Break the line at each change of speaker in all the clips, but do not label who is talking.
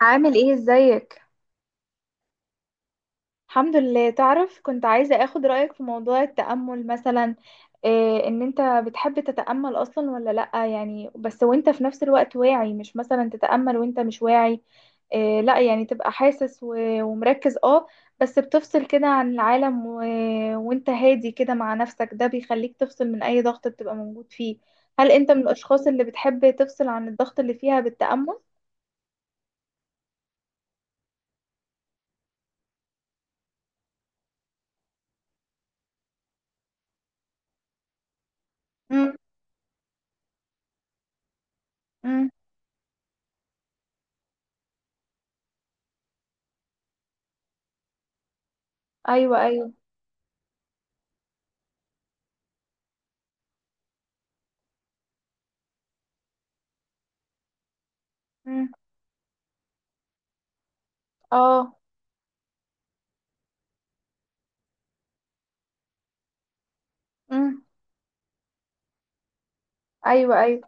عامل ايه؟ ازيك؟ الحمد لله. تعرف، كنت عايزة اخد رأيك في موضوع التأمل مثلا. إيه ان انت بتحب تتأمل اصلا ولا لأ؟ يعني بس وانت في نفس الوقت واعي، مش مثلا تتأمل وانت مش واعي. إيه، لأ، يعني تبقى حاسس و- ومركز. اه بس بتفصل كده عن العالم وانت هادي كده مع نفسك، ده بيخليك تفصل من اي ضغط بتبقى موجود فيه. هل انت من الاشخاص اللي بتحب تفصل عن الضغط اللي فيها بالتأمل؟ مم. مم. ايوه، ايوه. مم. اه. امم. ايوه، ايوه.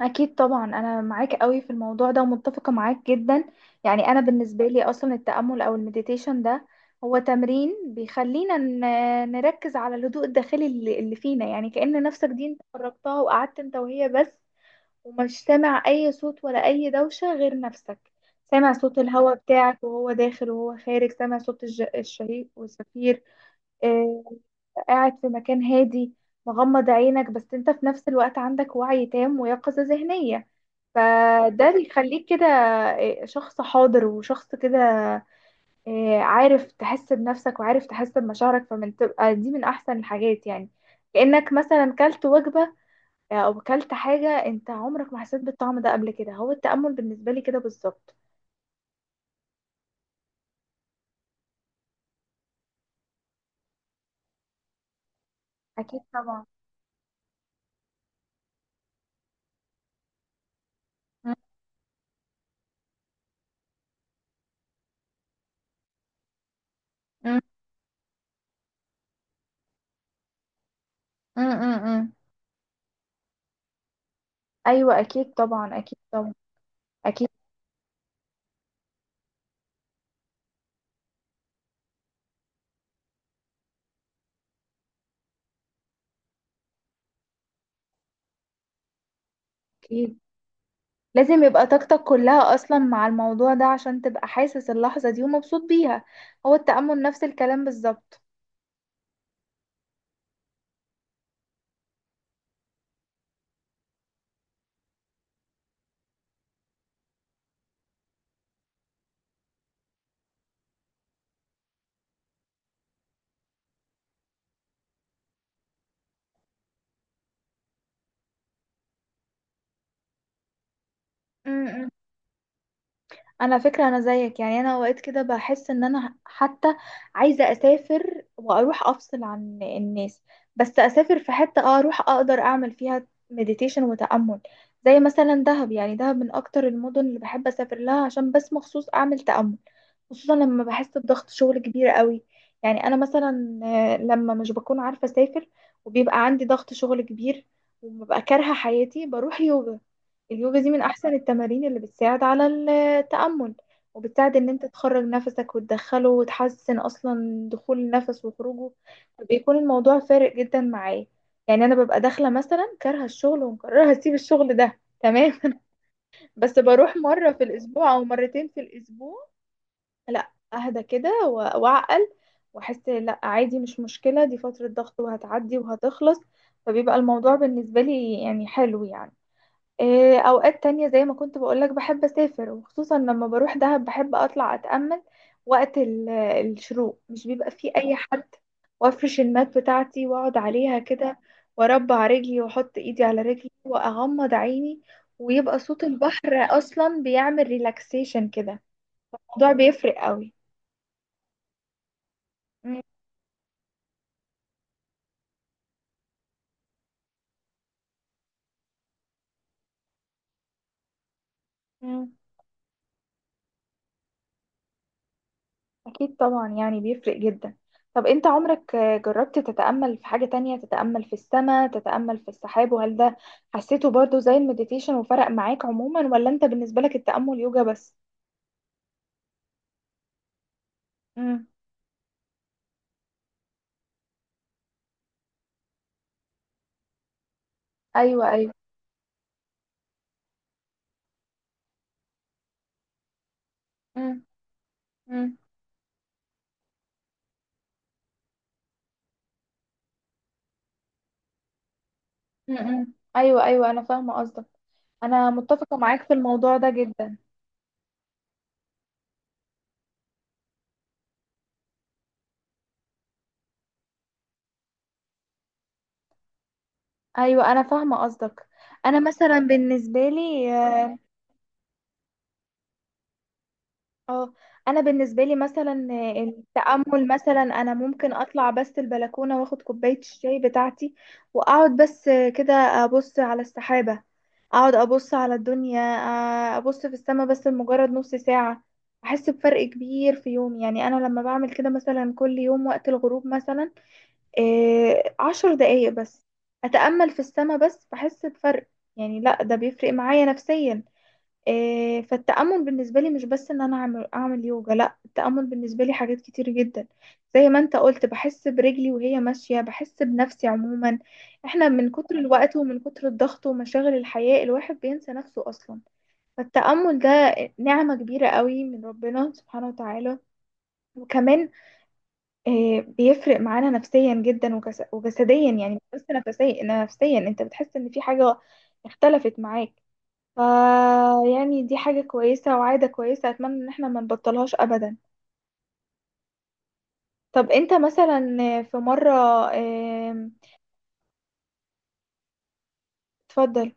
اكيد طبعا، انا معاك قوي في الموضوع ده ومتفقه معاك جدا. يعني انا بالنسبه لي اصلا التامل او المديتيشن ده هو تمرين بيخلينا نركز على الهدوء الداخلي اللي فينا. يعني كأن نفسك دي انت خرجتها وقعدت انت وهي بس، ومش سامع اي صوت ولا اي دوشه غير نفسك. سامع صوت الهواء بتاعك وهو داخل وهو خارج، سامع صوت الشهيق والزفير. قاعد في مكان هادي، مغمض عينك، بس انت في نفس الوقت عندك وعي تام ويقظة ذهنية. فده اللي يخليك كده شخص حاضر وشخص كده، عارف تحس بنفسك وعارف تحس بمشاعرك، فمن تبقى دي من احسن الحاجات يعني. كأنك مثلا كلت وجبة، او كلت حاجة انت عمرك ما حسيت بالطعم ده قبل كده. هو التأمل بالنسبة لي كده بالظبط. اكيد طبعا. م- م- م. ايوه، اكيد طبعا، اكيد طبعا. اكيد. اكيد. لازم يبقى طاقتك كلها اصلا مع الموضوع ده عشان تبقى حاسس اللحظة دي ومبسوط بيها. هو التأمل نفس الكلام بالظبط. م- م. انا فكرة، انا زيك. يعني انا اوقات كده بحس ان انا حتى عايزة اسافر واروح افصل عن الناس، بس اسافر في حتة آه اروح اقدر اعمل فيها مديتيشن وتأمل. زي مثلا دهب. يعني دهب من اكتر المدن اللي بحب اسافر لها عشان بس مخصوص اعمل تأمل. خصوصا لما بحس بضغط شغل كبير قوي. يعني انا مثلا لما مش بكون عارفه اسافر وبيبقى عندي ضغط شغل كبير وببقى كارهه حياتي، بروح يوجا. اليوجا دي من احسن التمارين اللي بتساعد على التأمل، وبتساعد ان انت تخرج نفسك وتدخله وتحسن اصلا دخول النفس وخروجه. بيكون الموضوع فارق جدا معايا. يعني انا ببقى داخله مثلا كارهه الشغل ومقرره هسيب الشغل ده تمام بس بروح مره في الاسبوع او مرتين في الاسبوع، لا اهدى كده و- واعقل واحس لا عادي، مش مشكلة، دي فترة ضغط وهتعدي وهتخلص. فبيبقى الموضوع بالنسبة لي يعني حلو يعني. اوقات تانية زي ما كنت بقولك بحب اسافر، وخصوصا لما بروح دهب بحب اطلع اتأمل وقت الشروق، مش بيبقى فيه اي حد. وافرش المات بتاعتي واقعد عليها كده، واربع رجلي واحط ايدي على رجلي واغمض عيني، ويبقى صوت البحر اصلا بيعمل ريلاكسيشن كده. الموضوع بيفرق قوي. مم. أكيد طبعا، يعني بيفرق جدا. طب أنت عمرك جربت تتأمل في حاجة تانية؟ تتأمل في السماء، تتأمل في السحاب، وهل ده حسيته برضو زي المديتيشن وفرق معاك عموما؟ ولا أنت بالنسبة لك التأمل يوجا بس؟ مم. أيوة، أيوة. مم. مم. مم. مم. أيوة، أيوة، أنا فاهمة قصدك. أنا متفقة معاك في الموضوع ده جدا. أيوة، أنا فاهمة قصدك. أنا مثلا بالنسبة لي اه، انا بالنسبه لي مثلا التامل، مثلا انا ممكن اطلع بس البلكونه واخد كوبايه الشاي بتاعتي واقعد بس كده ابص على السحابه، اقعد ابص على الدنيا، ابص في السماء بس لمجرد نص ساعه. احس بفرق كبير في يومي. يعني انا لما بعمل كده مثلا كل يوم وقت الغروب مثلا 10 دقايق بس اتامل في السماء بس، بحس بفرق. يعني لا، ده بيفرق معايا نفسيا. فالتأمل بالنسبة لي مش بس إن أنا أعمل يوجا. لأ، التأمل بالنسبة لي حاجات كتير جدا، زي ما أنت قلت بحس برجلي وهي ماشية، بحس بنفسي عموما. إحنا من كتر الوقت ومن كتر الضغط ومشاغل الحياة الواحد بينسى نفسه أصلا. فالتأمل ده نعمة كبيرة قوي من ربنا سبحانه وتعالى. وكمان بيفرق معانا نفسيا جدا وجسديا. يعني مش بس نفسيا، نفسيا أنت بتحس إن في حاجة اختلفت معاك. ف يعني دي حاجة كويسة وعادة كويسة، أتمنى إن احنا ما نبطلهاش أبدا. طب أنت مثلا في مرة آم، اتفضل.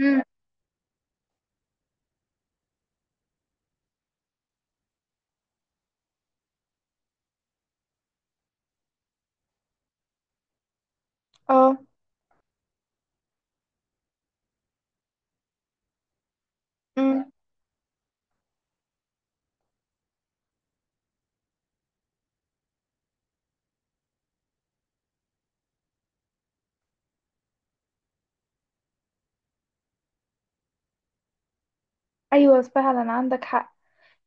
امم. اه. امم. ايوه فعلا، عندك حق.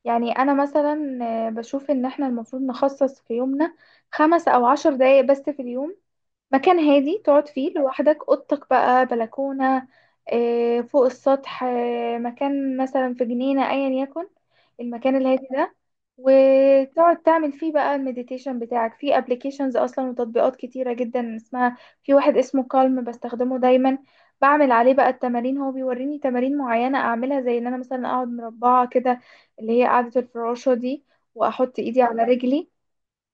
يعني انا مثلا بشوف ان احنا المفروض نخصص في يومنا 5 او 10 دقايق بس في اليوم. مكان هادي تقعد فيه لوحدك، اوضتك بقى، بلكونة، فوق السطح، مكان مثلا في جنينة، ايا يكن المكان الهادي ده. وتقعد تعمل فيه بقى المديتيشن بتاعك. في ابلكيشنز اصلا وتطبيقات كتيرة جدا اسمها، في واحد اسمه كالم بستخدمه دايما. بعمل عليه بقى التمارين، هو بيوريني تمارين معينة اعملها زي ان انا مثلا اقعد مربعة كده، اللي هي قاعدة الفراشة دي، واحط ايدي على رجلي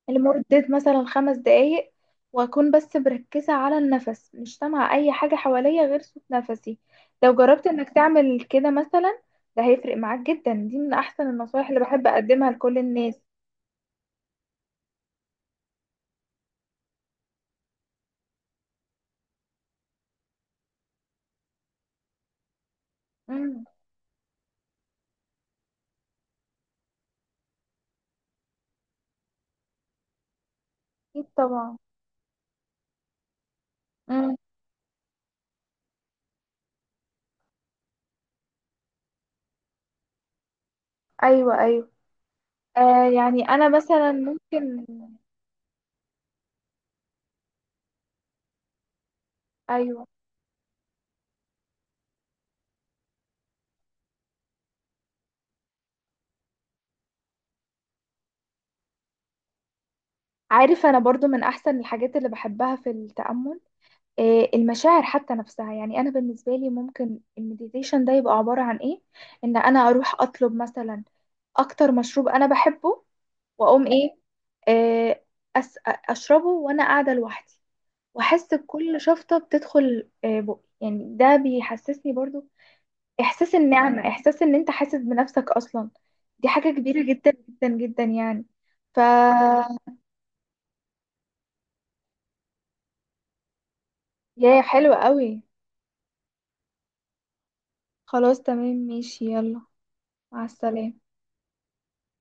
لمدة مثلا 5 دقايق. وأكون بس مركزة على النفس، مش سامعة أي حاجة حواليا غير صوت نفسي. لو جربت إنك تعمل كده مثلا، ده هيفرق معاك جدا. دي من أحسن النصايح اللي بحب أقدمها لكل الناس. امم. أكيد طبعا. امم. أيوه، أيوه. آه، يعني أنا مثلا ممكن. أيوه. عارف، أنا برضو من أحسن الحاجات اللي بحبها في التأمل آه المشاعر حتى نفسها. يعني أنا بالنسبة لي ممكن المديتيشن ده يبقى عبارة عن إيه، إن أنا أروح أطلب مثلا اكتر مشروب انا بحبه واقوم ايه آه، اشربه وانا قاعده لوحدي، واحس بكل شفطه بتدخل، بقي يعني ده بيحسسني برضو احساس النعمه، احساس ان انت حاسس بنفسك اصلا. دي حاجه كبيره جدا جدا جدا يعني. ف يا حلوه قوي. خلاص تمام، ماشي، يلا. مع السلامه.